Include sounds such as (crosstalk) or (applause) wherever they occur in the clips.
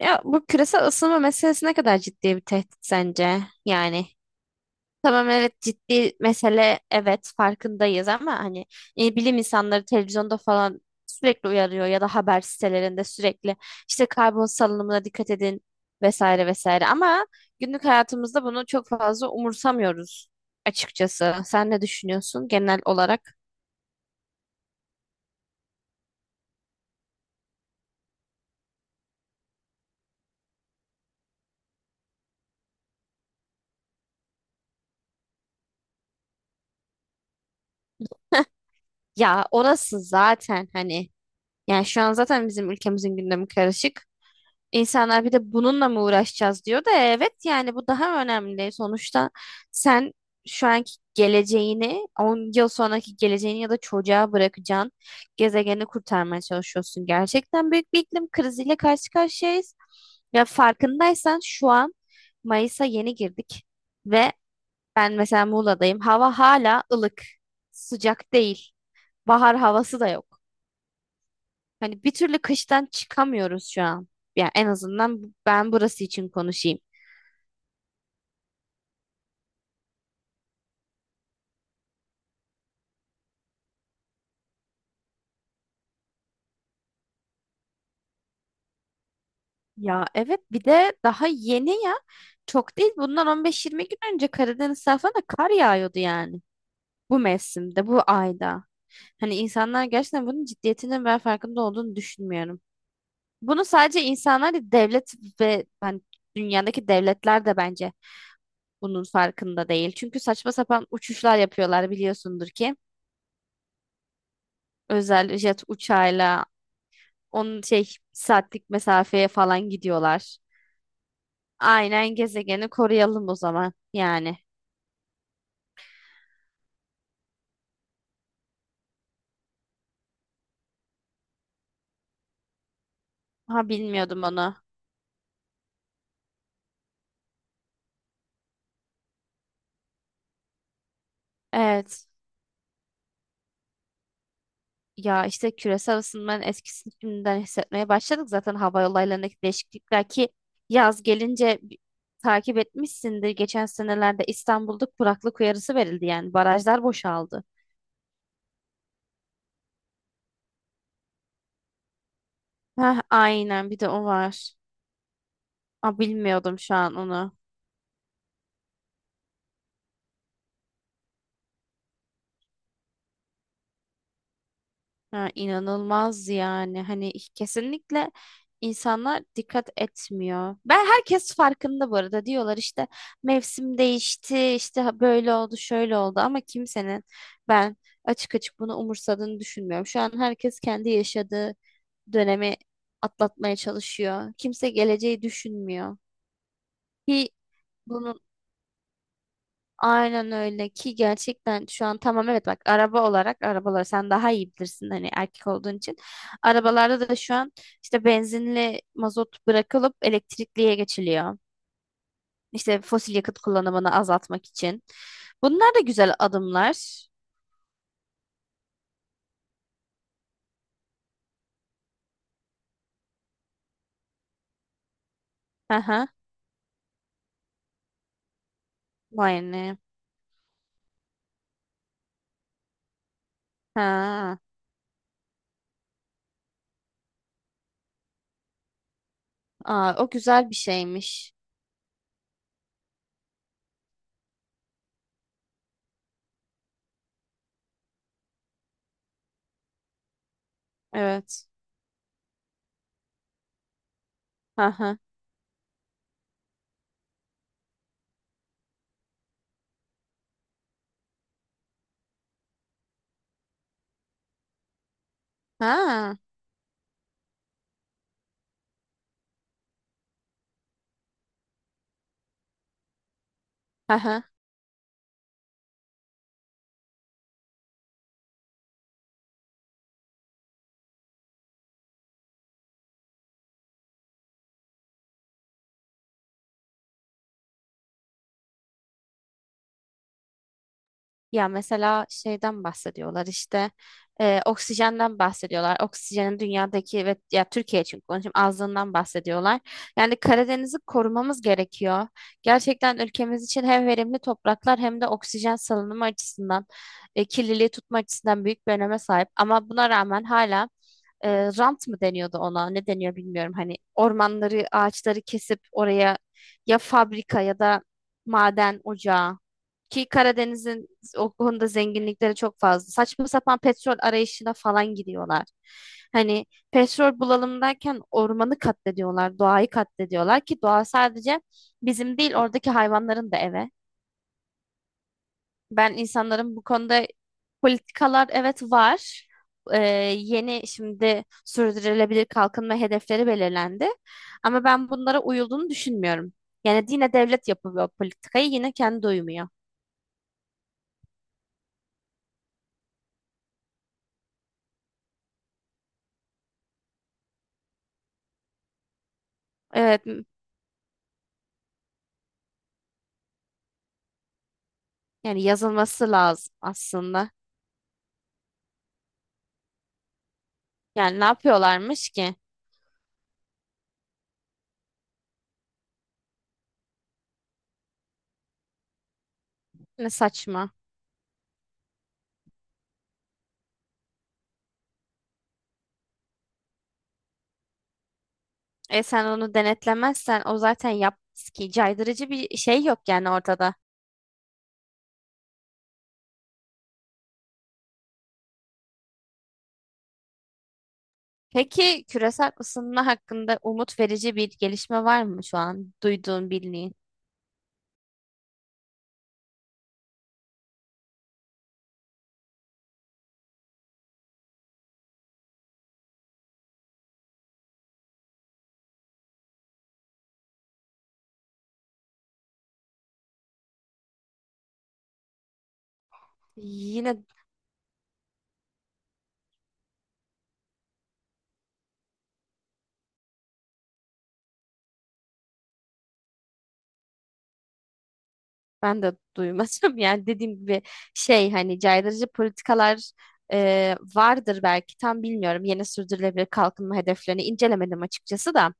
Ya bu küresel ısınma meselesi ne kadar ciddi bir tehdit sence? Yani tamam evet ciddi mesele evet farkındayız ama hani bilim insanları televizyonda falan sürekli uyarıyor ya da haber sitelerinde sürekli işte karbon salınımına dikkat edin vesaire vesaire ama günlük hayatımızda bunu çok fazla umursamıyoruz açıkçası. Sen ne düşünüyorsun genel olarak? (laughs) Ya orası zaten hani yani şu an zaten bizim ülkemizin gündemi karışık. İnsanlar bir de bununla mı uğraşacağız diyor da evet yani bu daha önemli. Sonuçta sen şu anki geleceğini 10 yıl sonraki geleceğini ya da çocuğa bırakacağın gezegeni kurtarmaya çalışıyorsun. Gerçekten büyük bir iklim kriziyle karşı karşıyayız. Ya farkındaysan şu an Mayıs'a yeni girdik ve ben mesela Muğla'dayım. Hava hala ılık, sıcak değil. Bahar havası da yok. Hani bir türlü kıştan çıkamıyoruz şu an. Yani en azından ben burası için konuşayım. Ya evet bir de daha yeni ya. Çok değil bundan 15-20 gün önce Karadeniz tarafına kar yağıyordu yani. Bu mevsimde, bu ayda. Hani insanlar gerçekten bunun ciddiyetinin ben farkında olduğunu düşünmüyorum. Bunu sadece insanlar değil, devlet ve hani dünyadaki devletler de bence bunun farkında değil. Çünkü saçma sapan uçuşlar yapıyorlar biliyorsundur ki. Özel jet uçağıyla onun şey saatlik mesafeye falan gidiyorlar. Aynen gezegeni koruyalım o zaman yani. Ha, bilmiyordum onu. Evet. Ya işte küresel ısınmanın etkisini şimdiden hissetmeye başladık zaten hava olaylarındaki değişiklikler ki yaz gelince takip etmişsindir. Geçen senelerde İstanbul'da kuraklık uyarısı verildi yani barajlar boşaldı. Heh, aynen bir de o var. Aa, bilmiyordum şu an onu. Ha, inanılmaz yani hani kesinlikle insanlar dikkat etmiyor. Ben herkes farkında bu arada diyorlar işte mevsim değişti işte böyle oldu şöyle oldu ama kimsenin ben açık açık bunu umursadığını düşünmüyorum. Şu an herkes kendi yaşadığı dönemi atlatmaya çalışıyor. Kimse geleceği düşünmüyor. Ki bunun aynen öyle ki gerçekten şu an tamam evet bak araba olarak arabalar sen daha iyi bilirsin hani erkek olduğun için. Arabalarda da şu an işte benzinli mazot bırakılıp elektrikliye geçiliyor. İşte fosil yakıt kullanımını azaltmak için. Bunlar da güzel adımlar. Aha. Vay ne. Ha. Aa, o güzel bir şeymiş. Evet. Aha. Ha. Aha. Ya mesela şeyden bahsediyorlar işte oksijenden bahsediyorlar. Oksijenin dünyadaki ve ya Türkiye için konuşayım azlığından bahsediyorlar. Yani Karadeniz'i korumamız gerekiyor. Gerçekten ülkemiz için hem verimli topraklar hem de oksijen salınımı açısından kirliliği tutma açısından büyük bir öneme sahip. Ama buna rağmen hala e, rant mı deniyordu ona ne deniyor bilmiyorum. Hani ormanları ağaçları kesip oraya ya fabrika ya da maden ocağı ki Karadeniz'in o konuda zenginlikleri çok fazla. Saçma sapan petrol arayışına falan gidiyorlar. Hani petrol bulalım derken ormanı katlediyorlar, doğayı katlediyorlar ki doğa sadece bizim değil oradaki hayvanların da eve. Ben insanların bu konuda politikalar evet var. Ee, Yeni şimdi sürdürülebilir kalkınma hedefleri belirlendi. Ama ben bunlara uyulduğunu düşünmüyorum. Yani yine devlet yapıyor politikayı yine kendi uymuyor. Evet, yani yazılması lazım aslında. Yani ne yapıyorlarmış ki? Ne saçma. Sen onu denetlemezsen o zaten yap ki caydırıcı bir şey yok yani ortada. Peki küresel ısınma hakkında umut verici bir gelişme var mı şu an duyduğun bildiğin? Yine, ben de duymadım. (laughs) Yani dediğim gibi hani caydırıcı politikalar vardır belki tam bilmiyorum. Yeni sürdürülebilir kalkınma hedeflerini incelemedim açıkçası da.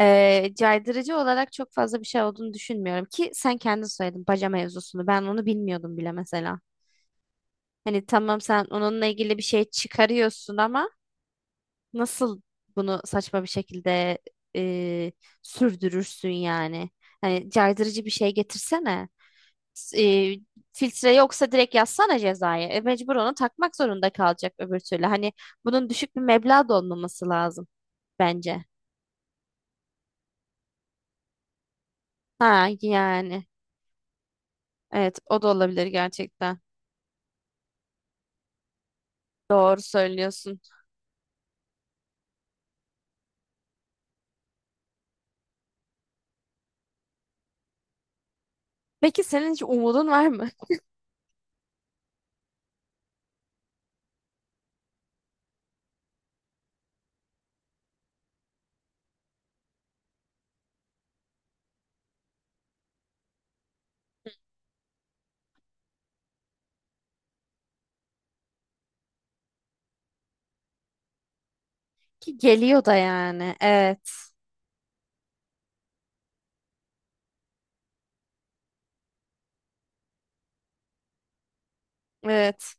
Caydırıcı olarak çok fazla bir şey olduğunu düşünmüyorum ki sen kendin söyledin baca mevzusunu. Ben onu bilmiyordum bile mesela. Hani tamam sen onunla ilgili bir şey çıkarıyorsun ama nasıl bunu saçma bir şekilde e, sürdürürsün yani? Hani caydırıcı bir şey getirsene. S- e, Filtre yoksa direkt yazsana cezayı. Mecbur onu takmak zorunda kalacak öbür türlü. Hani bunun düşük bir meblağ da olmaması lazım bence. Ha yani. Evet, o da olabilir gerçekten. Doğru söylüyorsun. Peki senin hiç umudun var mı? Ki geliyor da yani. Evet. Evet.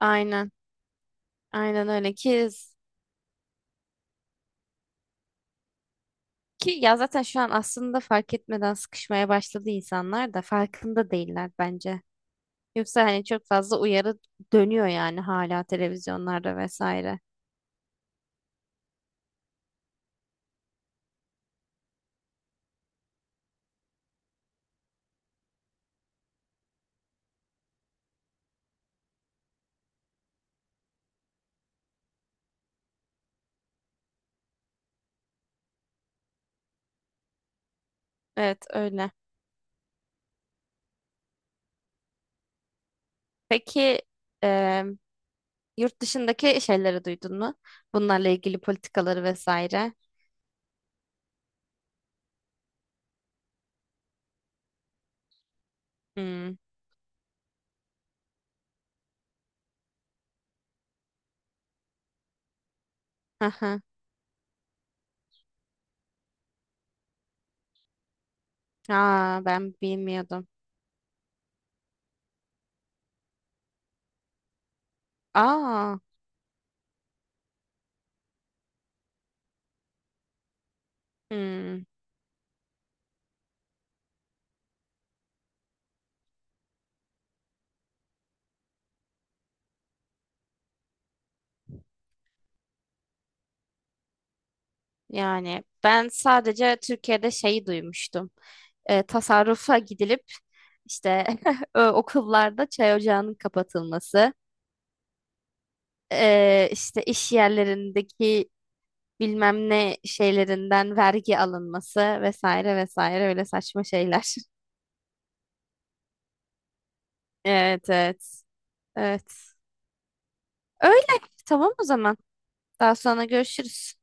Aynen. Aynen öyle ki ya zaten şu an aslında fark etmeden sıkışmaya başladı insanlar da farkında değiller bence. Yoksa hani çok fazla uyarı dönüyor yani hala televizyonlarda vesaire. Evet, öyle. Peki e, yurt dışındaki şeyleri duydun mu? Bunlarla ilgili politikaları vesaire. Hmm. Aha. Aa, ben bilmiyordum. Aa. Hmm. Yani ben sadece Türkiye'de şeyi duymuştum. Tasarrufa gidilip işte, (laughs) okullarda çay ocağının kapatılması, işte iş yerlerindeki bilmem ne şeylerinden vergi alınması vesaire vesaire öyle saçma şeyler. (laughs) Evet, evet, evet. Öyle, tamam o zaman. Daha sonra görüşürüz.